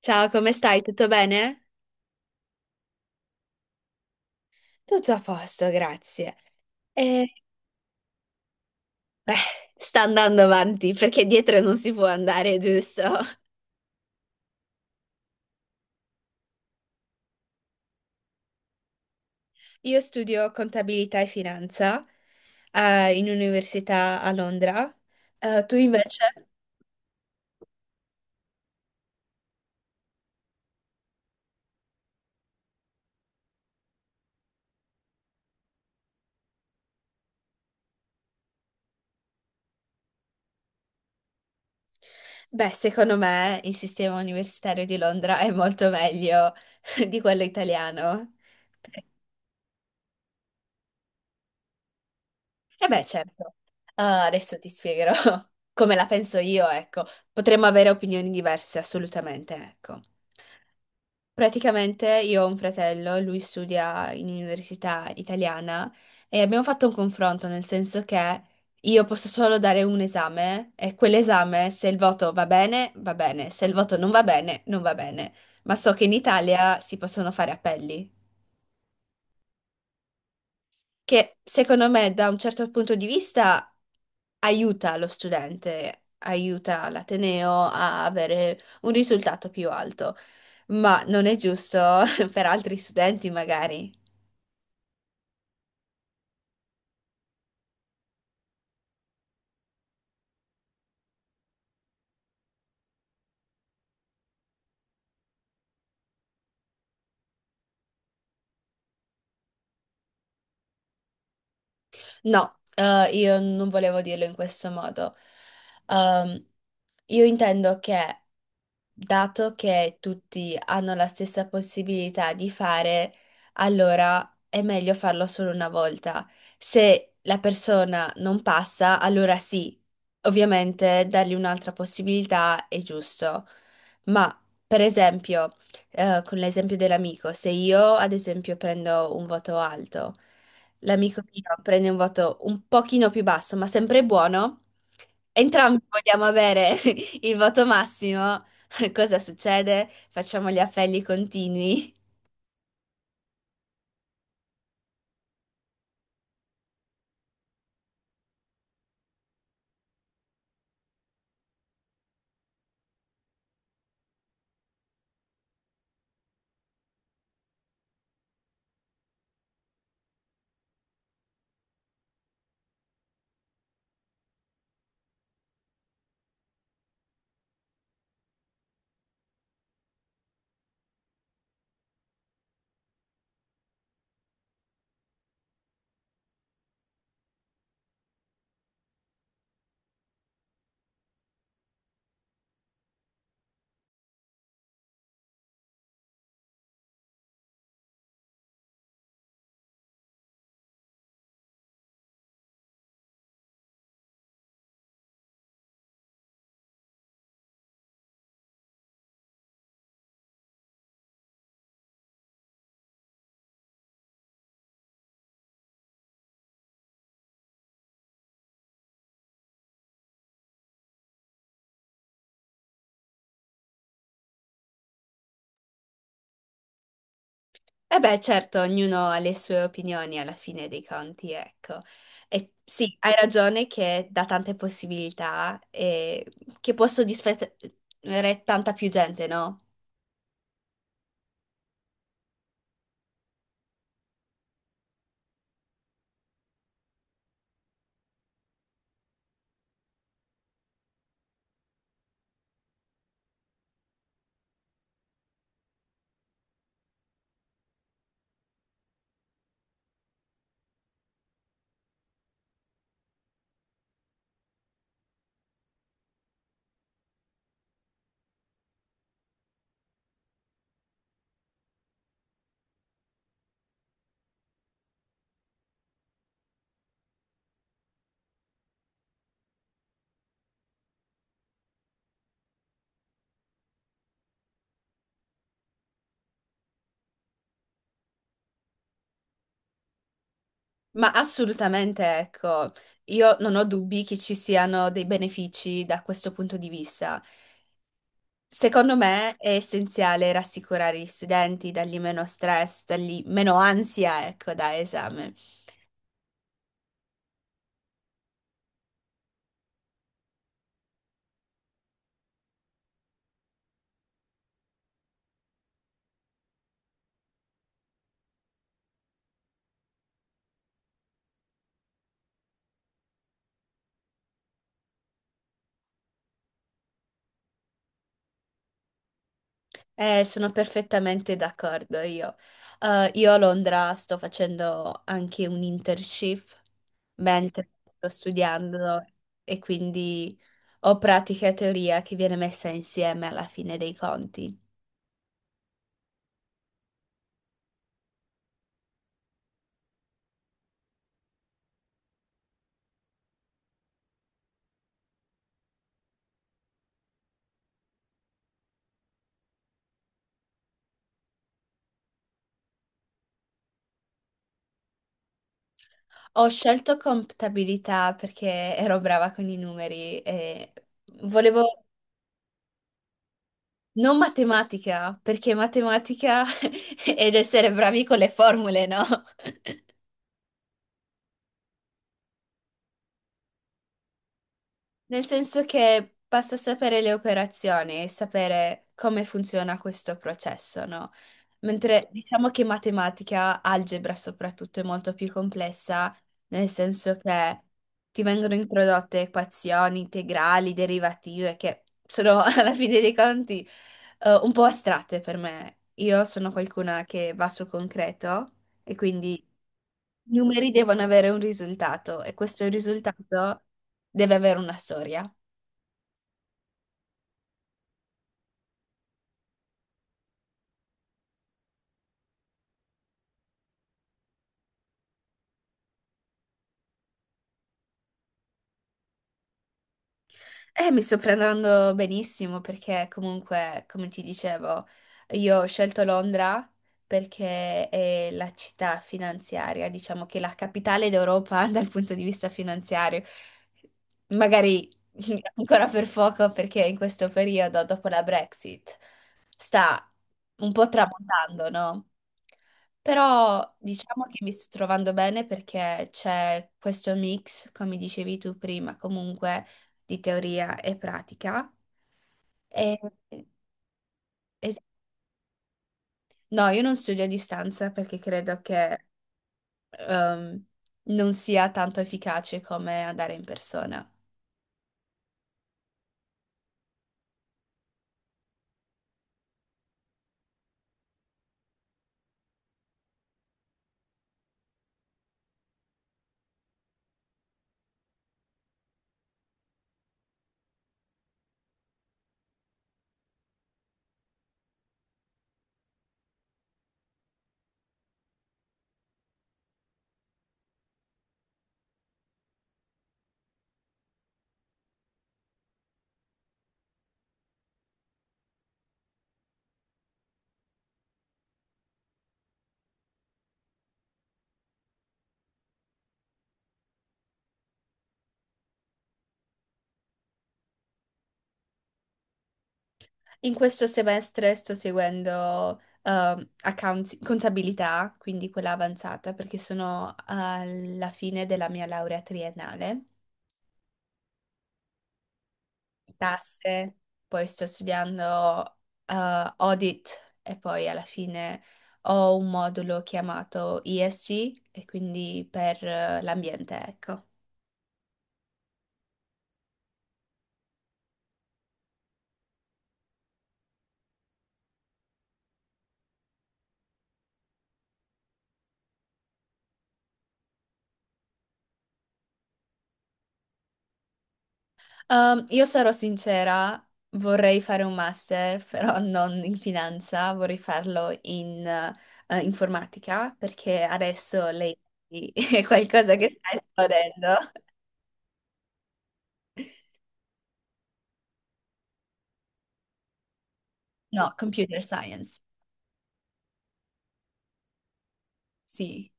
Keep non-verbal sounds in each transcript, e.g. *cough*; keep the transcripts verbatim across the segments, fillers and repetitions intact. Ciao, come stai? Tutto bene? Tutto a posto, grazie. E beh, Sta andando avanti perché dietro non si può andare, giusto? Io studio contabilità e finanza, eh, in università a Londra. Eh, tu invece? Beh, secondo me il sistema universitario di Londra è molto meglio *laughs* di quello italiano. E beh, certo. Eh, adesso ti spiegherò *laughs* come la penso io, ecco. Potremmo avere opinioni diverse, assolutamente, ecco. Praticamente io ho un fratello, lui studia in università italiana e abbiamo fatto un confronto nel senso che io posso solo dare un esame e quell'esame se il voto va bene, va bene, se il voto non va bene, non va bene. Ma so che in Italia si possono fare appelli, che secondo me da un certo punto di vista aiuta lo studente, aiuta l'ateneo a avere un risultato più alto, ma non è giusto *laughs* per altri studenti magari. No, eh, io non volevo dirlo in questo modo. Ehm, io intendo che, dato che tutti hanno la stessa possibilità di fare, allora è meglio farlo solo una volta. Se la persona non passa, allora sì, ovviamente dargli un'altra possibilità è giusto. Ma, per esempio, eh, con l'esempio dell'amico, se io, ad esempio, prendo un voto alto, l'amico mio prende un voto un pochino più basso, ma sempre buono. Entrambi vogliamo avere *laughs* il voto massimo. *laughs* Cosa succede? Facciamo gli appelli continui. E beh, certo, ognuno ha le sue opinioni alla fine dei conti, ecco. E sì, hai ragione che dà tante possibilità e che può soddisfare tanta più gente, no? Ma assolutamente, ecco, io non ho dubbi che ci siano dei benefici da questo punto di vista. Secondo me è essenziale rassicurare gli studenti, dargli meno stress, dargli meno ansia, ecco, da esame. Eh, sono perfettamente d'accordo io. Eh, io a Londra sto facendo anche un internship mentre sto studiando e quindi ho pratica e teoria che viene messa insieme alla fine dei conti. Ho scelto contabilità perché ero brava con i numeri e volevo. Non matematica, perché matematica *laughs* ed essere bravi con le formule, no? Nel senso che basta sapere le operazioni e sapere come funziona questo processo, no? Mentre diciamo che matematica, algebra soprattutto, è molto più complessa, nel senso che ti vengono introdotte equazioni, integrali, derivative, che sono *laughs* alla fine dei conti eh, un po' astratte per me. Io sono qualcuna che va sul concreto. E quindi i numeri devono avere un risultato e questo risultato deve avere una storia. Eh, mi sto prendendo benissimo perché comunque, come ti dicevo, io ho scelto Londra perché è la città finanziaria, diciamo che è la capitale d'Europa *laughs* dal punto di vista finanziario. Magari *laughs* ancora per poco perché in questo periodo, dopo la Brexit, sta un po' tramontando, no? Però diciamo che mi sto trovando bene perché c'è questo mix, come dicevi tu prima, comunque di teoria e pratica. E- e- no, io non studio a distanza perché credo che ehm, non sia tanto efficace come andare in persona. In questo semestre sto seguendo ehm, accounts- contabilità, quindi quella avanzata, perché sono alla fine della mia laurea triennale. Tasse, poi sto studiando eh, audit e poi alla fine ho un modulo chiamato E S G e quindi per eh, l'ambiente, ecco. Um, io sarò sincera, vorrei fare un master, *laughs* però non in finanza, vorrei farlo in eh, informatica perché adesso lei *laughs* è qualcosa che sta esplodendo. No, computer science, sì.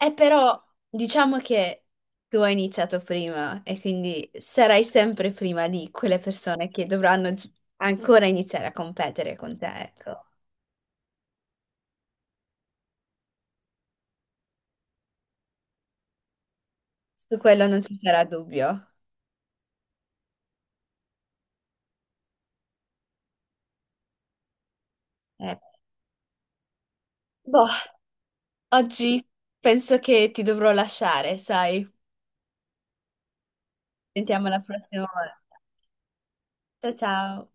Eh, però diciamo che tu hai iniziato prima e quindi sarai sempre prima di quelle persone che dovranno gi- ancora iniziare a competere con te, ecco. Su quello non ci sarà dubbio. Eh, boh, oggi penso che ti dovrò lasciare, sai? Sentiamo la prossima volta. Ciao ciao.